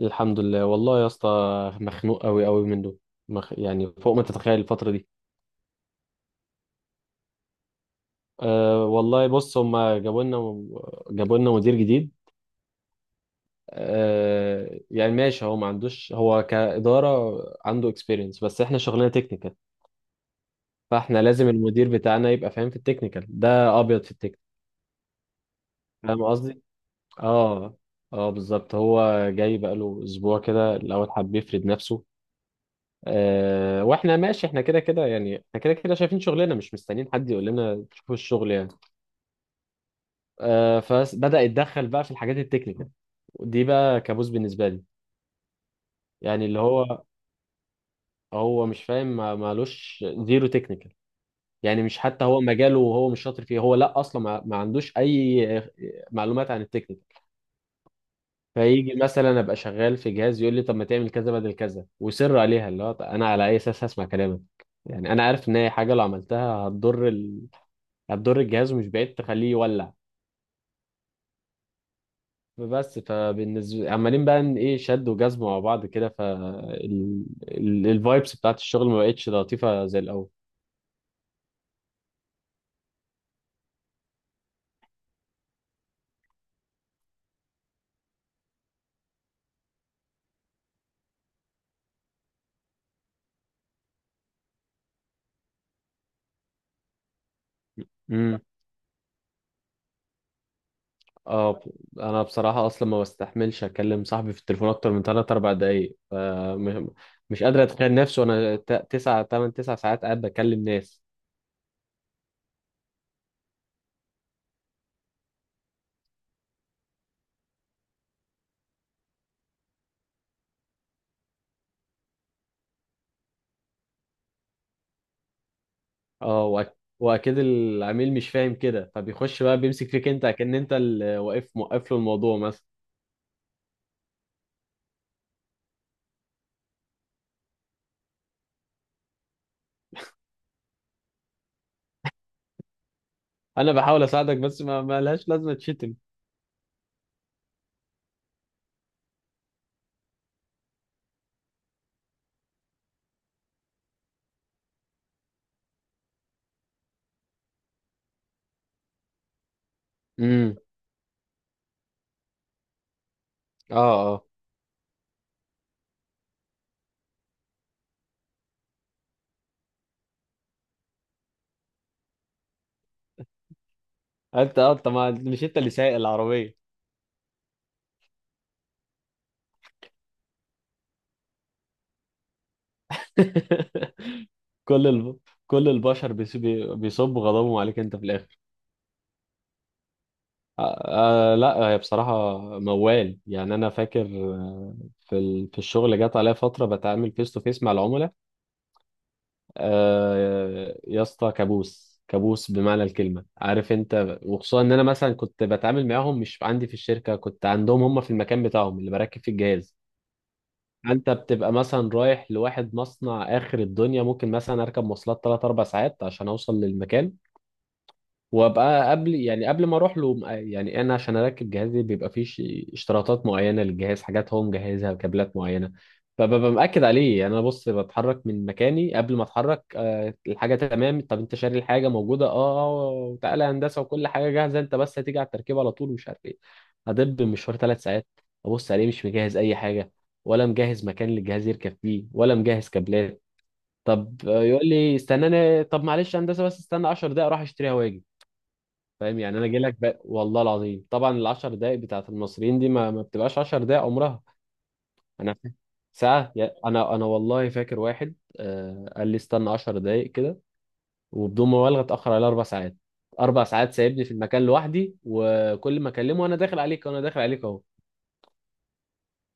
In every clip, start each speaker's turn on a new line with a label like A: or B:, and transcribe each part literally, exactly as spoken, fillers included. A: الحمد لله والله يا اسطى، مخنوق قوي قوي منه. مخ... يعني فوق ما تتخيل الفترة دي. أه، والله بص، هما جابوا لنا جابوا لنا مدير جديد. أه يعني ماشي، هو ما عندوش، هو كإدارة عنده اكسبيرينس، بس احنا شغلنا تكنيكال. فاحنا لازم المدير بتاعنا يبقى فاهم في التكنيكال، ده ابيض في التكنيكال. فاهم قصدي. اه اه بالظبط. هو جاي بقاله اسبوع كده، الاول حب يفرد نفسه. آه، واحنا ماشي، احنا كده كده يعني، احنا كده كده شايفين شغلنا، مش مستنيين حد يقول لنا شوفوا الشغل يعني. آه، فبدأ يتدخل بقى في الحاجات التكنيكال، ودي بقى كابوس بالنسبة لي. يعني اللي هو هو مش فاهم، ما- مالوش زيرو تكنيكال. يعني مش حتى هو مجاله وهو مش شاطر فيه. هو لا، اصلا ما, ما عندوش اي معلومات عن التكنيكال. فيجي مثلا ابقى شغال في جهاز، يقول لي طب ما تعمل كذا بدل كذا ويصر عليها. اللي هو طب انا على اي اساس هسمع كلامك؟ يعني انا عارف ان هي حاجه لو عملتها هتضر، هتضر الجهاز، ومش بعيد تخليه يولع. بس فبالنسبة عمالين بقى إن ايه، شد وجذب مع بعض كده، فالفايبس بتاعت الشغل ما بقتش لطيفة زي الأول. امم. اه ب- انا بصراحة اصلا ما بستحملش اكلم صاحبي في التليفون اكتر من ثلاثة اربعة دقايق. فمش مش قادر اتخيل نفسي وانا تسعه تمانيه تسعه ساعات قاعد بكلم ناس. اه وأك- واكيد العميل مش فاهم كده، فبيخش بقى بيمسك فيك انت، كأن انت اللي واقف موقف له الموضوع مثلا. انا بحاول اساعدك، بس ما ما لهاش لازمة تشتم. امم اه اه. انت اه انت ما مش انت اللي سايق العربيه. كل الب... كل البشر بيس- بي- بيصبوا غضبهم عليك انت في الاخر. آه آه، لا هي بصراحه موال. يعني انا فاكر، آه، في ال... في الشغل جت عليا فتره بتعامل فيس تو فيس مع العملاء. آه يا اسطى، كابوس كابوس بمعنى الكلمه عارف انت. وخصوصا ان انا مثلا كنت بتعامل معاهم مش عندي في الشركه، كنت عندهم هم في المكان بتاعهم اللي بركب فيه الجهاز. انت بتبقى مثلا رايح لواحد مصنع اخر الدنيا، ممكن مثلا اركب مواصلات ثلاثة اربعه ساعات عشان اوصل للمكان. وابقى قبل يعني، قبل ما اروح له، يعني انا عشان اركب جهازي بيبقى فيه ش- اشتراطات معينه للجهاز، حاجات هو مجهزها، كابلات معينه. فببقى مأكد عليه، يعني انا بص، بتحرك من مكاني قبل ما اتحرك، آه، الحاجه تمام؟ طب انت شاري الحاجه موجوده؟ اه. آه، تعالى يا هندسه وكل حاجه جاهزه، انت بس هتيجي على التركيب على طول ومش عارف ايه. هدب مشوار ثلاث ساعات، ابص عليه مش مجهز اي حاجه، ولا مجهز مكان للجهاز يركب فيه، ولا مجهز كابلات. طب آه، يقول لي استناني. طب معلش يا هندسه بس استنى عشر دقايق، اروح اشتريها واجي. فاهم يعني انا جاي لك بق... والله العظيم، طبعا العشر دقايق بتاعت المصريين دي ما, ما بتبقاش عشر دقايق عمرها. انا فا- ساعه، يا- انا انا والله فاكر واحد، آه قال لي استنى عشر دقايق كده، وبدون مبالغه اتاخر على اربع ساعات. اربع ساعات سايبني في المكان لوحدي، وكل ما اكلمه انا داخل عليك وانا داخل عليك اهو.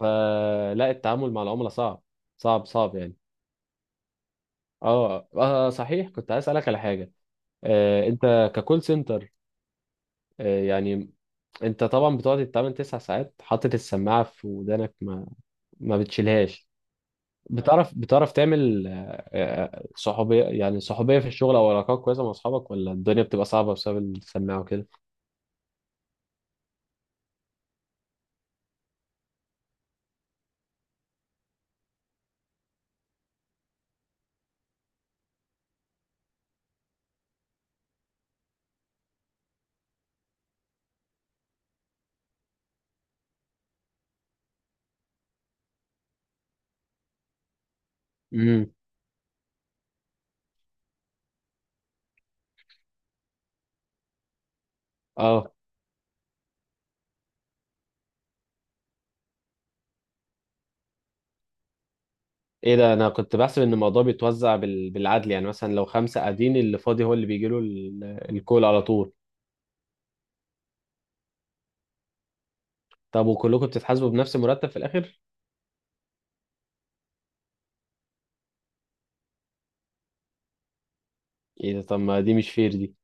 A: فلا، التعامل مع العملاء صعب، صعب صعب يعني. اه, آه صحيح، كنت عايز اسالك على حاجه. آه، انت ككول سنتر، آه يعني، انت طبعا بتقعد تتعامل تسع ساعات حاطط السماعه في ودانك، ما ما بتشيلهاش. بتعرف بتعرف تعمل آه، آه، صحوبيه، يعني صحوبيه في الشغل او علاقات كويسه مع اصحابك، ولا الدنيا بتبقى صعبه بسبب السماعه وكده؟ امم اه. ايه ده؟ انا كنت بحسب ان الموضوع بيتوزع بال... بالعدل. يعني مثلا لو خمسه قاعدين، اللي فاضي هو اللي بيجي له ال... الكول على طول. طب وكلكم بتتحاسبوا بنفس المرتب في الاخر؟ ايه ده؟ طب ما دي مش فير دي.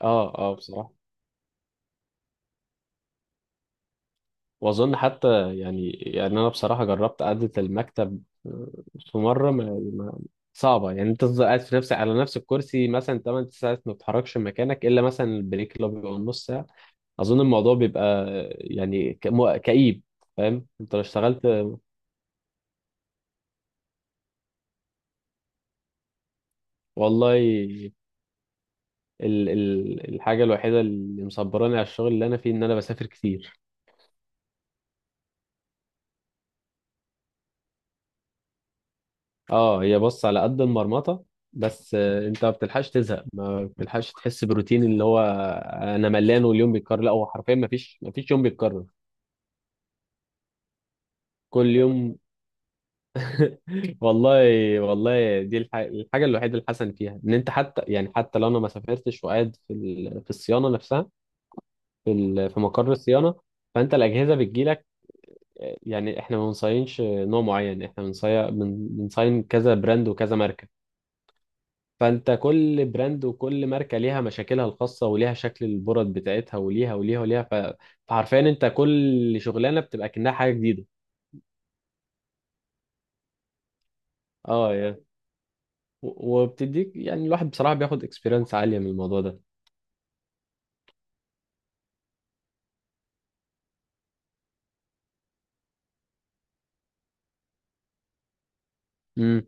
A: اه اه بصراحه. واظن حتى يعني، يعني انا بصراحه جربت قعده المكتب، آه، في مره ما ما- صعبه يعني. انت تفضل قاعد في نفسك على نفس الكرسي مثلا تمان ساعات ما بتتحركش من مكانك، الا مثلا البريك اللي هو بيبقى نص ساعه. اظن الموضوع بيبقى، يعني ك- مو- كئيب. فاهم؟ انت لو اشتغلت والله. ال ال الحاجه الوحيده اللي مصبراني على الشغل اللي انا فيه ان انا بسافر كتير. اه هي بص على قد المرمطه، بس آه، انت ما بتلحقش تزهق، ما بتلحقش تحس بروتين اللي هو انا ملان واليوم بيتكرر. لا، هو حرفيا ما فيش، ما فيش يوم بيتكرر. كل يوم. والله. والله دي الح... الحاجه الوحيده الحسن فيها ان انت حتى يعني، حتى لو انا ما سافرتش وقاعد في ال... في الصيانه نفسها، في ال... في مقر الصيانه، فانت الاجهزه بتجيلك. آه، يعني احنا ما بنصينش نوع معين، احنا بنصين بن- بنصين كذا براند وكذا ماركه. فانت كل براند وكل ماركه ليها مشاكلها الخاصه وليها شكل البرد بتاعتها، وليها وليها وليها. ف... فحرفيا انت كل شغلانه بتبقى كأنها حاجه جديده. اه يعني، و- وبتديك يعني، الواحد بصراحه بياخد اكسبيرينس عاليه من الموضوع ده. امم.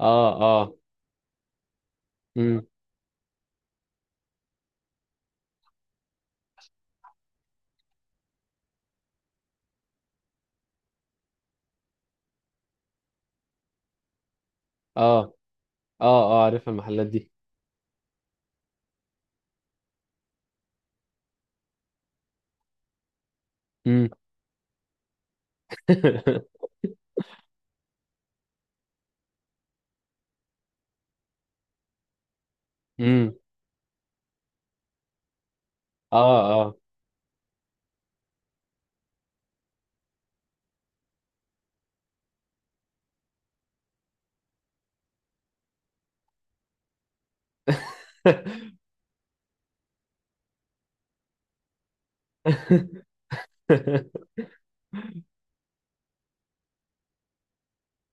A: اه اه. امم. اه اه اه عارف المحلات دي. امم. امم. اه اه.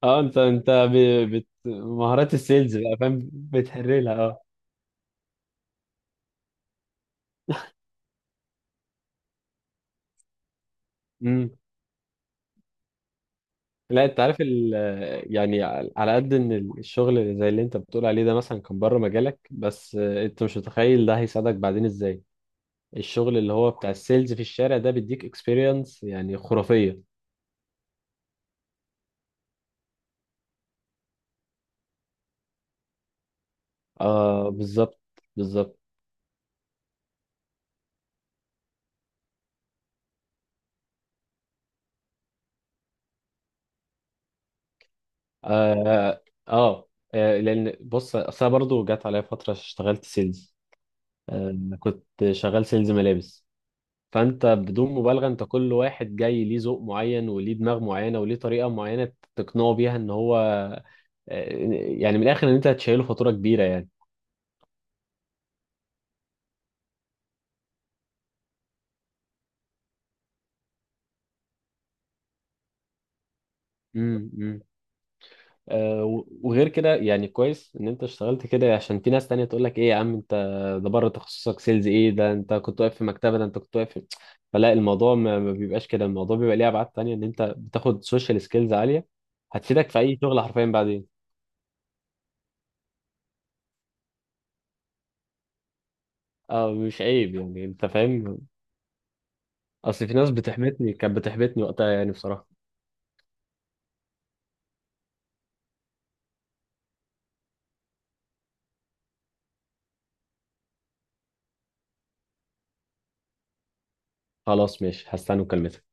A: اه، انت انت ب... بت... مهارات السيلز بقى فاهم، بتحرلها. اه لا، انت عارف ال... يعني على قد ان الشغل اللي زي اللي انت بتقول عليه ده مثلا كان بره مجالك، بس انت مش متخيل ده هيساعدك بعدين ازاي. الشغل اللي هو بتاع السيلز في الشارع ده بيديك اكسبيرينس يعني خرافية. اه بالظبط، بالظبط. اه, آه. آه، لان بص، اصل أنا برضو جت عليا فترة اشتغلت سيلز. آه. كنت شغال سيلز ملابس. فانت بدون مبالغه، انت كل واحد جاي ليه ذوق معين وليه دماغ معينه وليه طريقه معينه تقنعه بيها ان هو، آه، يعني من الاخر ان انت هتشيله فاتوره كبيره يعني. امم امم. آه، و- وغير كده يعني، كويس ان انت اشتغلت كده عشان في ناس تانية تقول لك ايه يا عم انت ده بره تخصصك. سيلز ايه ده؟ انت كنت واقف في مكتبه. ده انت كنت واقف في... فلا الموضوع ما ما بيبقاش كده. الموضوع بيبقى ليه ابعاد تانية ان انت بتاخد سوشيال سكيلز عاليه هتفيدك في اي شغل حرفيا بعدين. اه مش عيب يعني، انت فاهم. اصل في ناس بتحبطني، كانت بتحبطني وقتها يعني بصراحة. خلاص ماشي، هستنى مكالمتك.